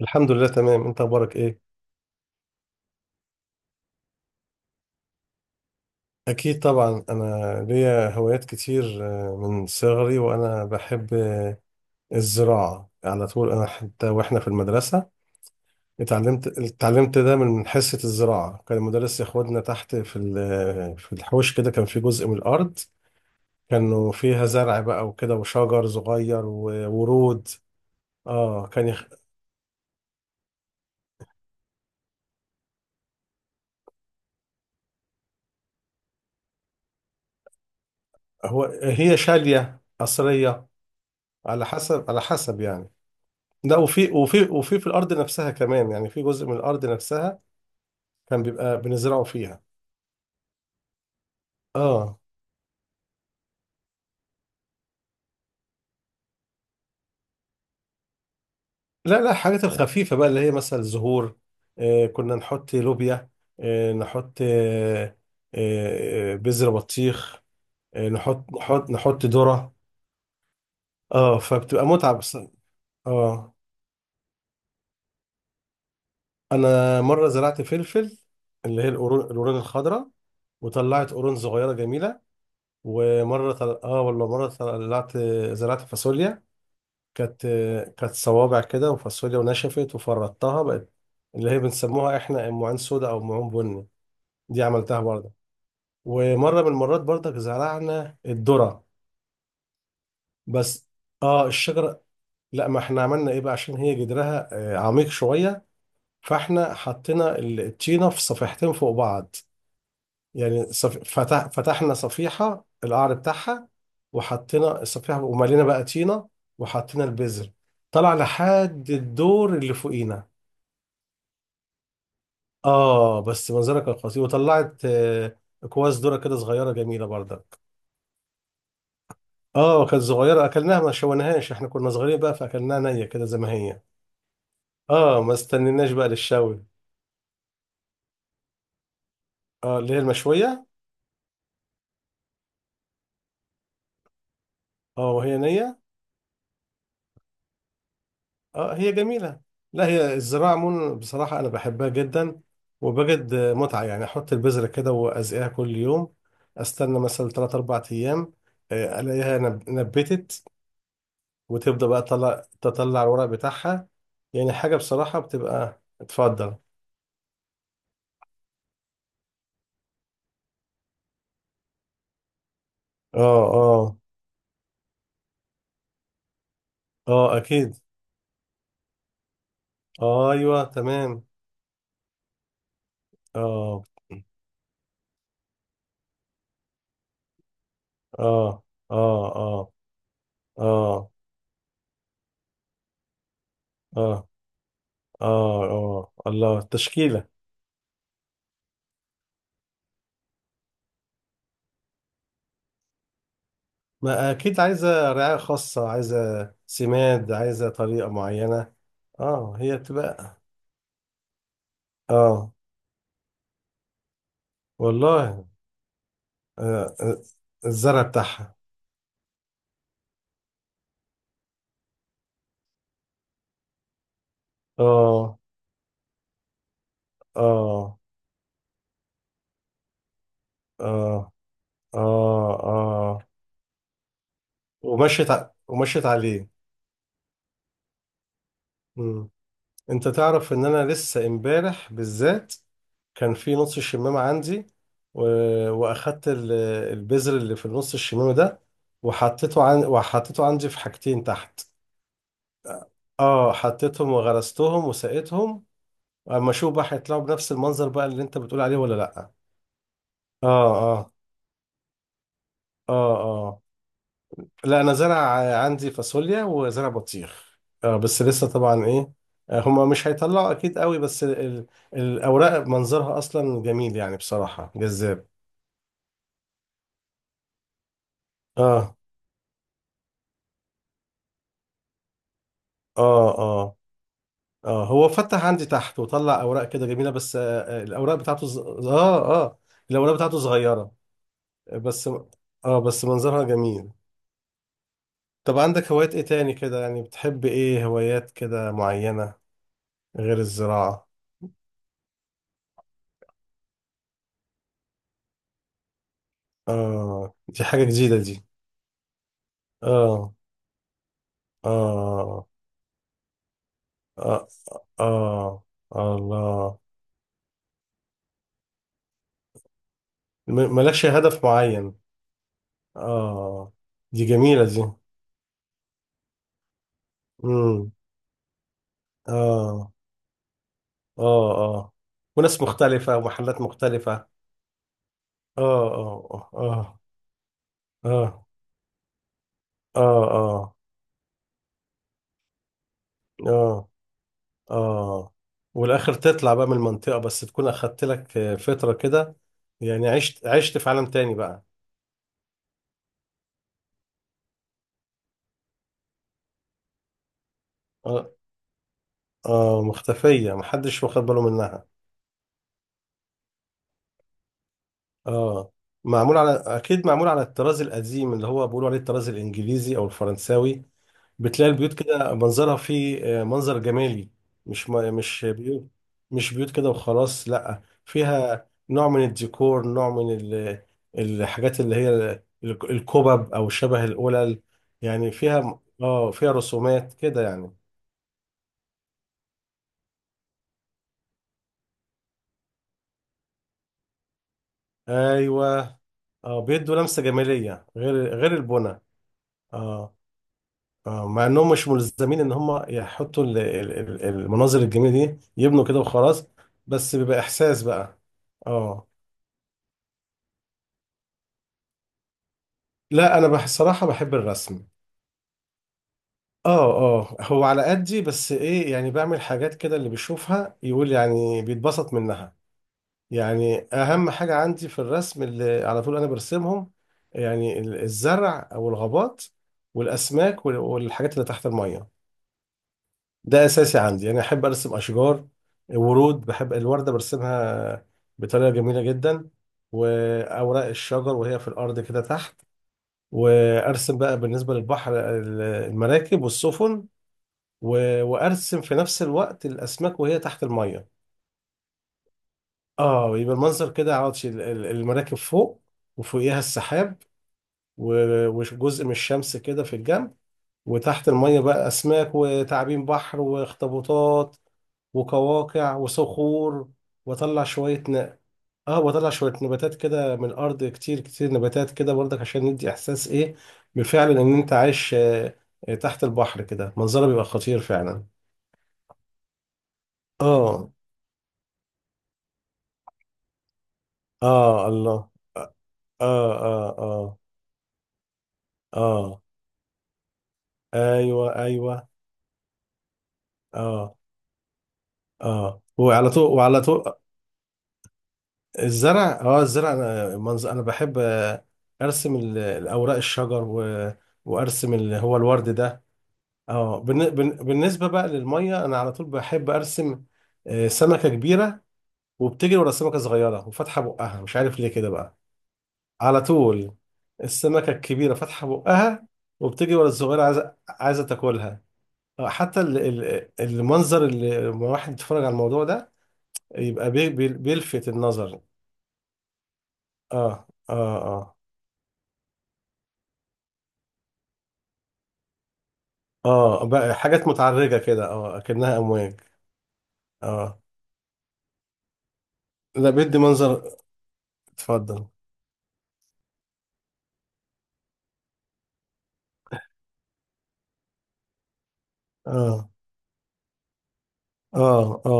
الحمد لله تمام، انت اخبارك ايه؟ اكيد طبعا، انا ليا هوايات كتير. من صغري وانا بحب الزراعة على طول. انا حتى واحنا في المدرسة اتعلمت ده من حصة الزراعة. كان المدرس ياخدنا تحت في الحوش كده. كان في جزء من الارض كانوا فيها زرع بقى وكده وشجر صغير وورود. اه. هي شالية قصرية. على حسب يعني. ده وفي وفي وفي في الارض نفسها كمان، يعني في جزء من الارض نفسها كان بيبقى بنزرعه فيها. اه، لا، لا، الحاجات الخفيفه بقى اللي هي مثلا زهور. كنا نحط لوبيا. نحط بذر بطيخ. نحط ذره. اه، فبتبقى متعه بس. اه، انا مره زرعت فلفل، اللي هي القرون الخضراء. وطلعت قرون صغيره جميله. اه، والله مره زرعت فاصوليا. كانت كانت صوابع كده وفاصوليا، ونشفت وفردتها بقت اللي هي بنسموها احنا معين سودا او معين بني. دي عملتها برضه. ومره من المرات برضك زرعنا الذره بس. اه، الشجره. لا، ما احنا عملنا ايه بقى عشان هي جدرها عميق شويه. فاحنا حطينا الطينه في صفيحتين فوق بعض. يعني فتحنا صفيحه القعر بتاعها. وحطينا الصفيحه وملينا بقى طينه وحطينا البذر. طلع لحد الدور اللي فوقينا. اه، بس منظرها كان خطير. وطلعت اكواز ذره كده صغيره جميله برضك. اه، كانت صغيره اكلناها، ما شويناهاش. احنا كنا صغيرين بقى فاكلناها نيه كده زي ما هي. اه، ما استنيناش بقى للشوي. اه، اللي هي المشويه. اه، وهي نيه. اه، هي جميله. لا، هي الزراعه عموما بصراحه انا بحبها جدا. وبجد متعه. يعني احط البذره كده وازقيها كل يوم. استنى مثلا 3 4 ايام. الاقيها نبتت. وتبدأ بقى تطلع الورق بتاعها. يعني حاجة بصراحة بتبقى اتفضل. اه. اه. اه. اكيد. ايوه، تمام. اه. اه. اه. اه. اه. اه. اه. اه. الله، التشكيلة. ما اكيد عايزة رعاية خاصة، عايزة سماد، عايزة طريقة معينة. اه، هي بتبقى. اه، والله. آه آه، الزرع بتاعها. اه. اه. اه. اه. اه. ومشيت عليه. مم. انت تعرف ان انا لسه امبارح بالذات كان في نص الشمامة عندي. و... واخدت البذر اللي في نص الشمامة ده. وحطيته عندي في حاجتين تحت. اه، حطيتهم وغرستهم وسقيتهم. اما اشوف بقى هيطلعوا بنفس المنظر بقى اللي انت بتقول عليه ولا لا. اه. اه. اه. اه. لا، انا زرع عندي فاصوليا وزرع بطيخ، بس لسه طبعا ايه. هما مش هيطلعوا اكيد قوي، بس ال ال الاوراق منظرها اصلا جميل يعني بصراحة جذاب. اه. اه. اه. اه. هو فتح عندي تحت وطلع اوراق كده جميلة، بس الاوراق بتاعته صغيرة. آه، بس اه بس منظرها جميل. طب عندك هوايات ايه تاني كده؟ يعني بتحب ايه، هوايات كده معينة غير الزراعة؟ اه، دي حاجة جديدة دي. اه. آه. آه. آه. الله. مالكش هدف معين. آه. دي جميلة دي. مم. آه. آه. آه. وناس مختلفة ومحلات مختلفة. آه. آه. آه. آه. آه. آه. آه. آه. آه. والآخر تطلع بقى من المنطقة بس تكون أخدت لك فترة كده. يعني عشت في عالم تاني بقى. آه. آه. مختفية محدش واخد باله منها. اه، معمول على، اكيد معمول على الطراز القديم اللي هو بيقولوا عليه الطراز الانجليزي او الفرنساوي. بتلاقي البيوت كده منظرها فيه منظر جمالي. مش مش بيوت. مش بيوت كده وخلاص، لا، فيها نوع من الديكور، نوع من الحاجات اللي هي الكوبب او شبه القلل. يعني فيها رسومات كده يعني. ايوه. اه، بيدوا لمسة جمالية، غير البنى. اه. مع انهم مش ملزمين ان هم يحطوا المناظر الجميله دي، يبنوا كده وخلاص. بس بيبقى احساس بقى. اه. لا، انا بصراحه بحب الرسم. اه. اه، هو على قدي، بس ايه يعني، بعمل حاجات كده اللي بيشوفها يقول يعني بيتبسط منها. يعني اهم حاجه عندي في الرسم اللي على طول انا برسمهم، يعني الزرع او الغابات والاسماك والحاجات اللي تحت الميه. ده اساسي عندي، انا احب ارسم اشجار، ورود، بحب الورده برسمها بطريقه جميله جدا، واوراق الشجر وهي في الارض كده تحت. وارسم بقى بالنسبه للبحر المراكب والسفن. وارسم في نفس الوقت الاسماك وهي تحت الميه. اه، يبقى المنظر كده عاوز المراكب فوق، وفوقيها السحاب، وجزء من الشمس كده في الجنب. وتحت المية بقى، أسماك وتعابين بحر واخطبوطات، وقواقع وصخور. وأطلع شوية ن... وأطلع شوية نباتات كده من الأرض، كتير كتير نباتات كده برضك، عشان ندي إحساس إيه، بالفعل إن أنت عايش تحت البحر كده منظره بيبقى خطير فعلا. آه. آه. الله. آه. آه. آه. آه. أيوه. أيوه. آه. آه. وعلى طول وعلى طول. الزرع، اه، الزرع انا منظر، انا بحب ارسم الاوراق الشجر. وارسم اللي هو الورد ده. اه، بالنسبه بقى للميه انا على طول بحب ارسم سمكه كبيره وبتجري ورا سمكه صغيره وفاتحه بقها، مش عارف ليه كده بقى. على طول السمكه الكبيره فاتحه بقها وبتجري ورا الصغيره عايزه تاكلها. حتى المنظر اللي لما واحد يتفرج على الموضوع ده يبقى بيلفت النظر. اه. اه. اه، اه بقى حاجات متعرجة كده، اه اكنها امواج. اه. لا بدي منظر. اتفضل. اه. اه. اه.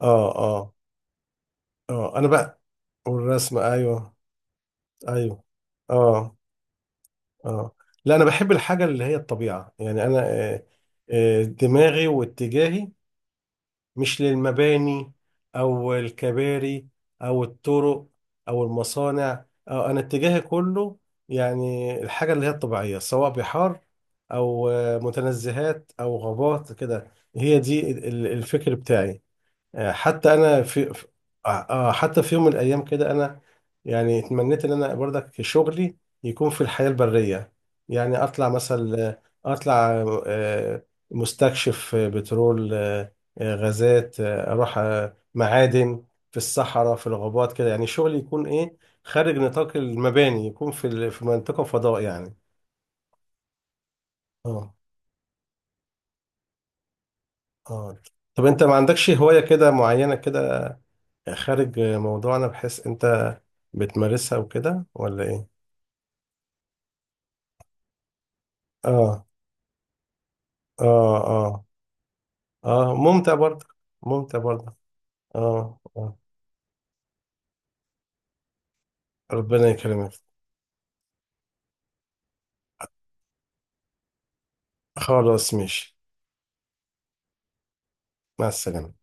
اه. اه. اه. انا بقى. والرسم، ايوه. ايوه. اه. اه. لا، انا بحب الحاجة اللي هي الطبيعة يعني انا آه، دماغي واتجاهي مش للمباني أو الكباري أو الطرق أو المصانع، أو أنا اتجاهي كله يعني الحاجة اللي هي الطبيعية، سواء بحار أو متنزهات أو غابات كده، هي دي الفكر بتاعي. حتى انا حتى في يوم من الايام كده انا يعني اتمنيت ان انا برضك شغلي يكون في الحياة البرية. يعني اطلع مثلا. اطلع آه، مستكشف بترول، غازات، اروح معادن، في الصحراء في الغابات كده. يعني شغلي يكون ايه، خارج نطاق المباني، يكون في منطقة فضاء يعني. اه. اه. طب انت ما عندكش هواية كده معينة كده خارج موضوعنا بحيث انت بتمارسها وكده ولا ايه؟ اه. اه. اه. اه، ممتع برضه، ممتع برضه. اه, آه. ربنا يكرمك. خلاص، ماشي. مع السلامة.